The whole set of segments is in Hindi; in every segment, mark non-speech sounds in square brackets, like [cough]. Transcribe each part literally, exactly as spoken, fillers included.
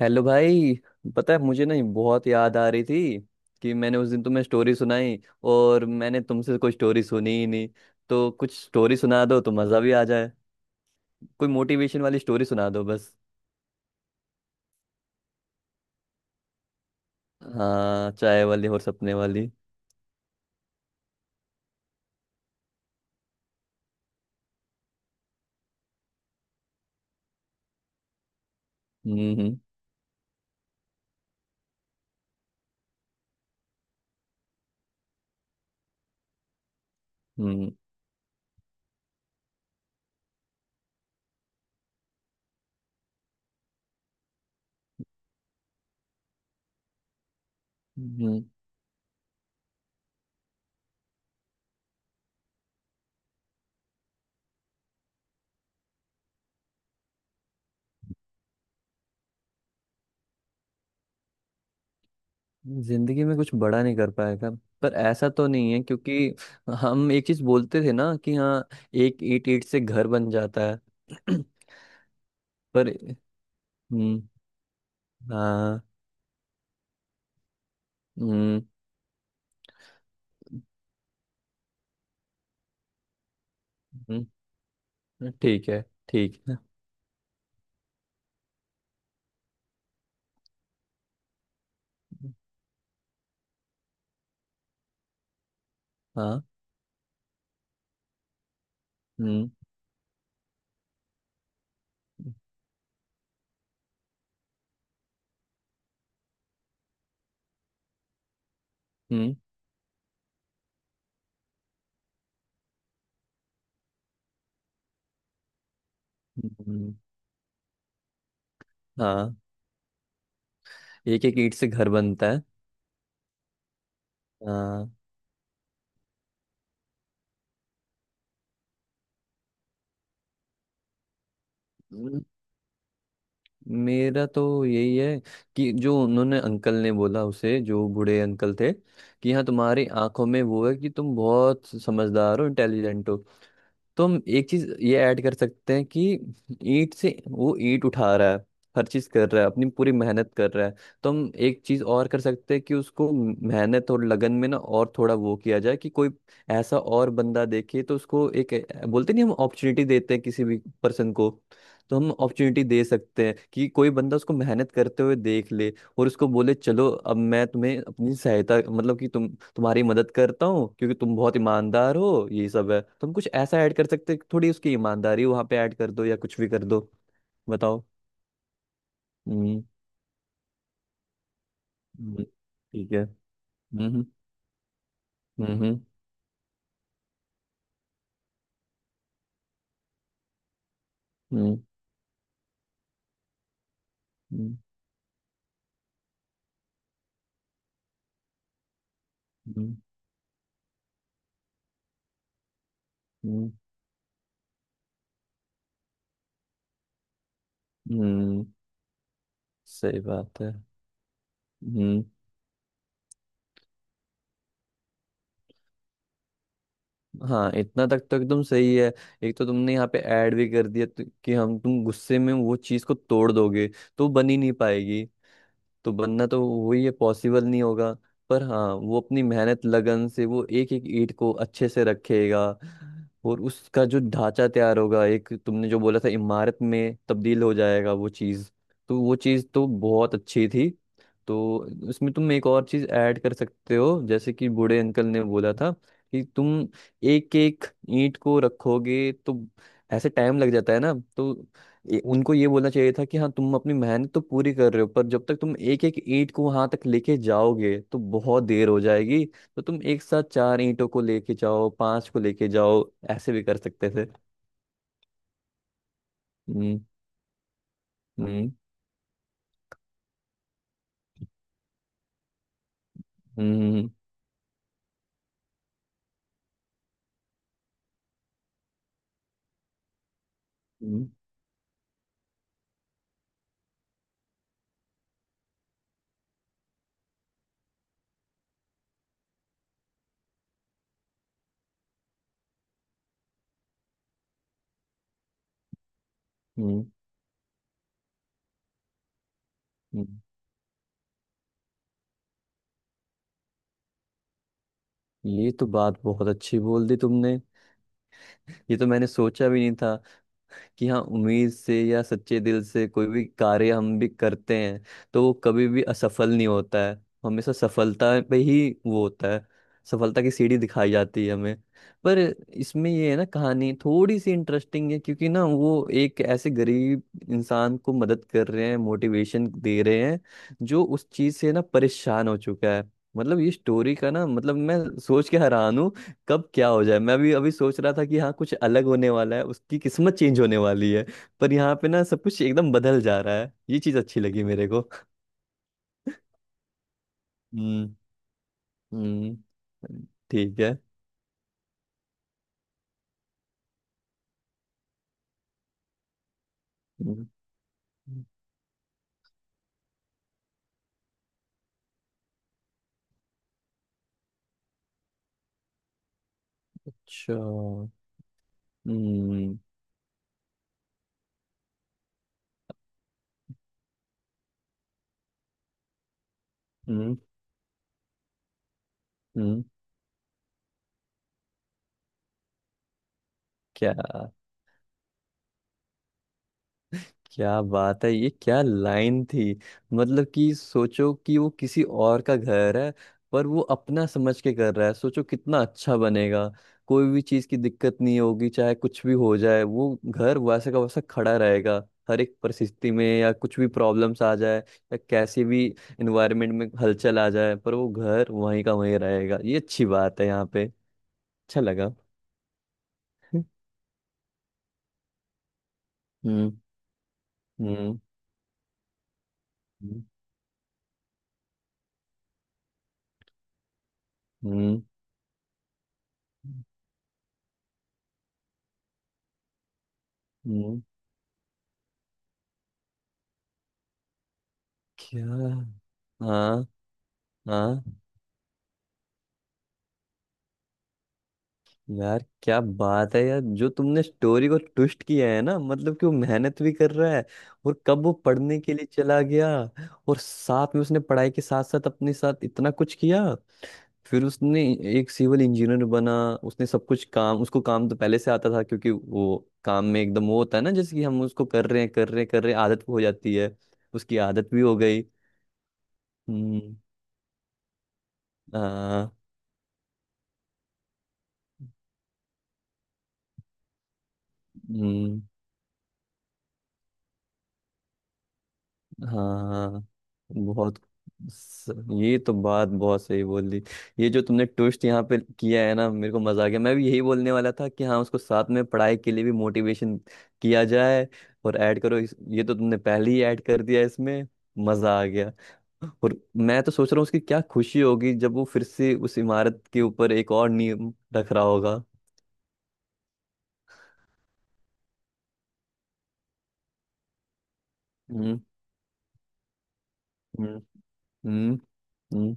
हेलो भाई। पता है मुझे ना ये बहुत याद आ रही थी कि मैंने उस दिन तुम्हें स्टोरी सुनाई और मैंने तुमसे कोई स्टोरी सुनी ही नहीं, तो कुछ स्टोरी सुना दो तो मज़ा भी आ जाए। कोई मोटिवेशन वाली स्टोरी सुना दो बस। हाँ, चाय वाली और सपने वाली। हम्म हम्म। हम्म। हम्म। जिंदगी में कुछ बड़ा नहीं कर पाएगा? पर ऐसा तो नहीं है क्योंकि हम एक चीज़ बोलते थे ना कि हाँ, एक ईंट ईंट से घर बन जाता है। [clears throat] पर हम्म, हाँ। हम्म हम्म। ठीक है। ठीक है। हाँ। हम्म हम्म हम्म। हाँ, एक एक ईंट से घर बनता है। हाँ। म- मेरा तो यही है कि जो उन्होंने, अंकल ने बोला, उसे, जो बूढ़े अंकल थे, कि हाँ तुम्हारी आंखों में वो है कि तुम बहुत समझदार हो, इंटेलिजेंट हो। तो हम एक चीज ये ऐड कर सकते हैं कि ईंट से वो ईंट उठा रहा है, हर चीज कर रहा है, अपनी पूरी मेहनत कर रहा है। तो हम एक चीज और कर सकते हैं कि उसको मेहनत और लगन में ना और थोड़ा वो किया जाए कि कोई ऐसा और बंदा देखे तो उसको एक, अ, बोलते नहीं हम, अपॉर्चुनिटी देते हैं किसी भी पर्सन को। तो हम अपॉर्चुनिटी दे सकते हैं कि कोई बंदा उसको मेहनत करते हुए देख ले और उसको बोले चलो अब मैं तुम्हें अपनी सहायता, मतलब कि तुम, तुम्हारी मदद करता हूँ क्योंकि तुम बहुत ईमानदार हो, ये सब है। तुम कुछ ऐसा ऐड कर सकते, थोड़ी उसकी ईमानदारी वहां पे ऐड कर दो या कुछ भी कर दो। बताओ। हम्म हम्म, ठीक है। हम्म हम्म हम्म हम्म हम्म हम्म, हम्म, हम्म, सही बात है। हम्म। हाँ, इतना तक तो एकदम सही है। एक तो तुमने यहाँ पे ऐड भी कर दिया तो- कि हम, तुम गुस्से में वो चीज को तोड़ दोगे तो बन ही नहीं पाएगी। तो बनना तो वही है, पॉसिबल नहीं होगा। पर हाँ, वो अपनी मेहनत लगन से वो एक एक ईंट को अच्छे से रखेगा और उसका जो ढांचा तैयार होगा, एक तुमने जो बोला था, इमारत में तब्दील हो जाएगा वो चीज़। तो वो चीज़ तो बहुत अच्छी थी। तो उसमें तुम एक और चीज़ ऐड कर सकते हो जैसे कि बूढ़े अंकल ने बोला था कि तुम एक एक ईंट को रखोगे तो ऐसे टाइम लग जाता है ना। तो ये- उनको ये बोलना चाहिए था कि हाँ, तुम अपनी मेहनत तो पूरी कर रहे हो पर जब तक तुम एक एक ईंट को वहां तक लेके जाओगे तो बहुत देर हो जाएगी। तो तुम एक साथ चार ईंटों को लेके जाओ, पांच को लेके जाओ, ऐसे भी कर सकते थे। हम्म। हम्म। हम्म हम्म हम्म हम्म। हम्म। ये तो बात बहुत अच्छी बोल दी तुमने। ये तो मैंने सोचा भी नहीं था कि हाँ, उम्मीद से या सच्चे दिल से कोई भी कार्य हम भी करते हैं तो वो कभी भी असफल नहीं होता है। हमेशा सफलता पे ही वो होता है। सफलता की सीढ़ी दिखाई जाती है हमें। पर इसमें ये है ना, कहानी थोड़ी सी इंटरेस्टिंग है क्योंकि ना वो एक ऐसे गरीब इंसान को मदद कर रहे हैं, मोटिवेशन दे रहे हैं, जो उस चीज से ना परेशान हो चुका है। मतलब ये स्टोरी का, ना मतलब, मैं सोच के हैरान हूँ कब क्या हो जाए। मैं भी अभी सोच रहा था कि हाँ कुछ अलग होने वाला है, उसकी किस्मत चेंज होने वाली है। पर यहाँ पे ना सब कुछ एकदम बदल जा रहा है, ये चीज अच्छी लगी मेरे को। हम्म। हम्म। ठीक है। हम्म, अच्छा। हम्म हम्म हम्म, क्या? क्या बात है, ये क्या लाइन थी! मतलब कि सोचो कि वो किसी और का घर है पर वो अपना समझ के कर रहा है, सोचो कितना अच्छा बनेगा। कोई भी चीज की दिक्कत नहीं होगी, चाहे कुछ भी हो जाए वो घर वैसे का वैसा खड़ा रहेगा। हर एक परिस्थिति में या कुछ भी प्रॉब्लम्स आ जाए या कैसी भी इन्वायरमेंट में हलचल आ जाए पर वो घर वहीं का वहीं रहेगा। ये अच्छी बात है यहाँ पे, अच्छा लगा। हम्म हम्म। हम्म हम्म हम्म, क्या? हाँ। हाँ, यार क्या बात है यार! जो तुमने स्टोरी को ट्विस्ट किया है ना, मतलब कि वो मेहनत भी कर रहा है और कब वो पढ़ने के लिए चला गया और साथ में उसने पढ़ाई के साथ साथ अपने साथ इतना कुछ किया। फिर उसने एक सिविल इंजीनियर बना, उसने सब कुछ काम, उसको काम तो पहले से आता था क्योंकि वो काम में एकदम वो होता है ना जैसे कि हम उसको कर रहे हैं कर रहे हैं कर रहे हैं, आदत हो जाती है। उसकी आदत भी हो गई। हम्म, हाँ, हम्म। हाँ, बहुत। स- ये तो बात बहुत सही बोल दी। ये जो तुमने ट्विस्ट यहाँ पे किया है ना, मेरे को मजा आ गया। मैं भी यही बोलने वाला था कि हाँ, उसको साथ में पढ़ाई के लिए भी मोटिवेशन किया जाए और ऐड करो इस, ये तो तुमने पहले ही ऐड कर दिया इसमें। मजा आ गया। और मैं तो सोच रहा हूँ उसकी क्या खुशी होगी जब वो फिर से उस इमारत के ऊपर एक और नियम रख रहा होगा। हम्म हम्म हम्म हम्म।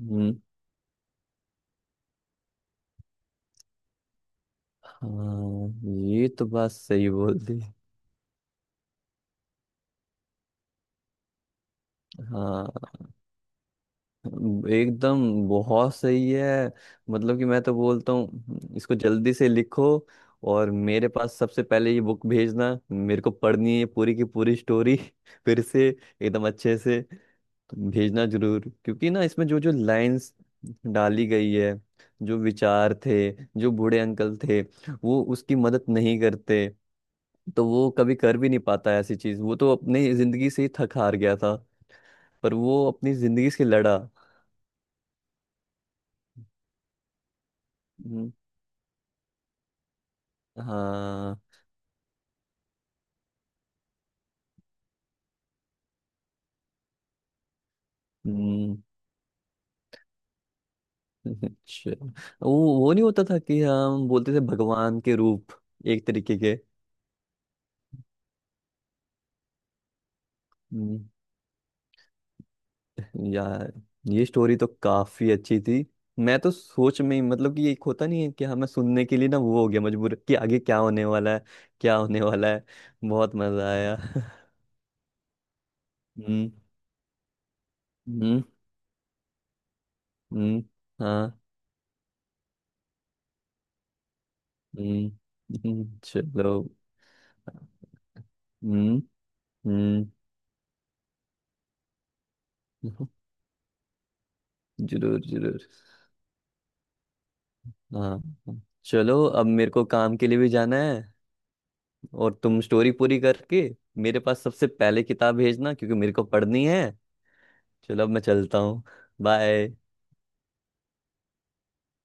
हम्म। हाँ, ये तो बात सही बोल दी। हाँ, एकदम बहुत सही है। मतलब कि मैं तो बोलता हूँ इसको जल्दी से लिखो और मेरे पास सबसे पहले ये बुक भेजना, मेरे को पढ़नी है पूरी की पूरी स्टोरी [laughs] फिर से एकदम अच्छे से। तो भेजना जरूर क्योंकि ना इसमें जो जो लाइंस डाली गई है, जो विचार थे, जो बूढ़े अंकल थे, वो उसकी मदद नहीं करते तो वो कभी कर भी नहीं पाता ऐसी चीज। वो तो अपनी जिंदगी से ही थक हार गया था, पर वो अपनी जिंदगी से लड़ा। हम्म। हाँ। हम्म, अच्छा। वो वो नहीं होता था कि हम बोलते थे भगवान के रूप, एक तरीके के। हम्म। यार, ये स्टोरी तो काफी अच्छी थी। मैं तो सोच में ही, मतलब कि एक होता नहीं है कि हमें सुनने के लिए ना वो हो गया मजबूर कि आगे क्या होने वाला है, क्या होने वाला है। बहुत मजा आया [laughs] हम्म हम्म हम्म, हाँ। हम्म हम्म, चलो। हम्म। हम्म। [laughs] जरूर जरूर। हाँ। हाँ। चलो अब मेरे को काम के लिए भी जाना है और तुम स्टोरी पूरी करके मेरे पास सबसे पहले किताब भेजना क्योंकि मेरे को पढ़नी है। चलो अब मैं चलता हूँ। बाय।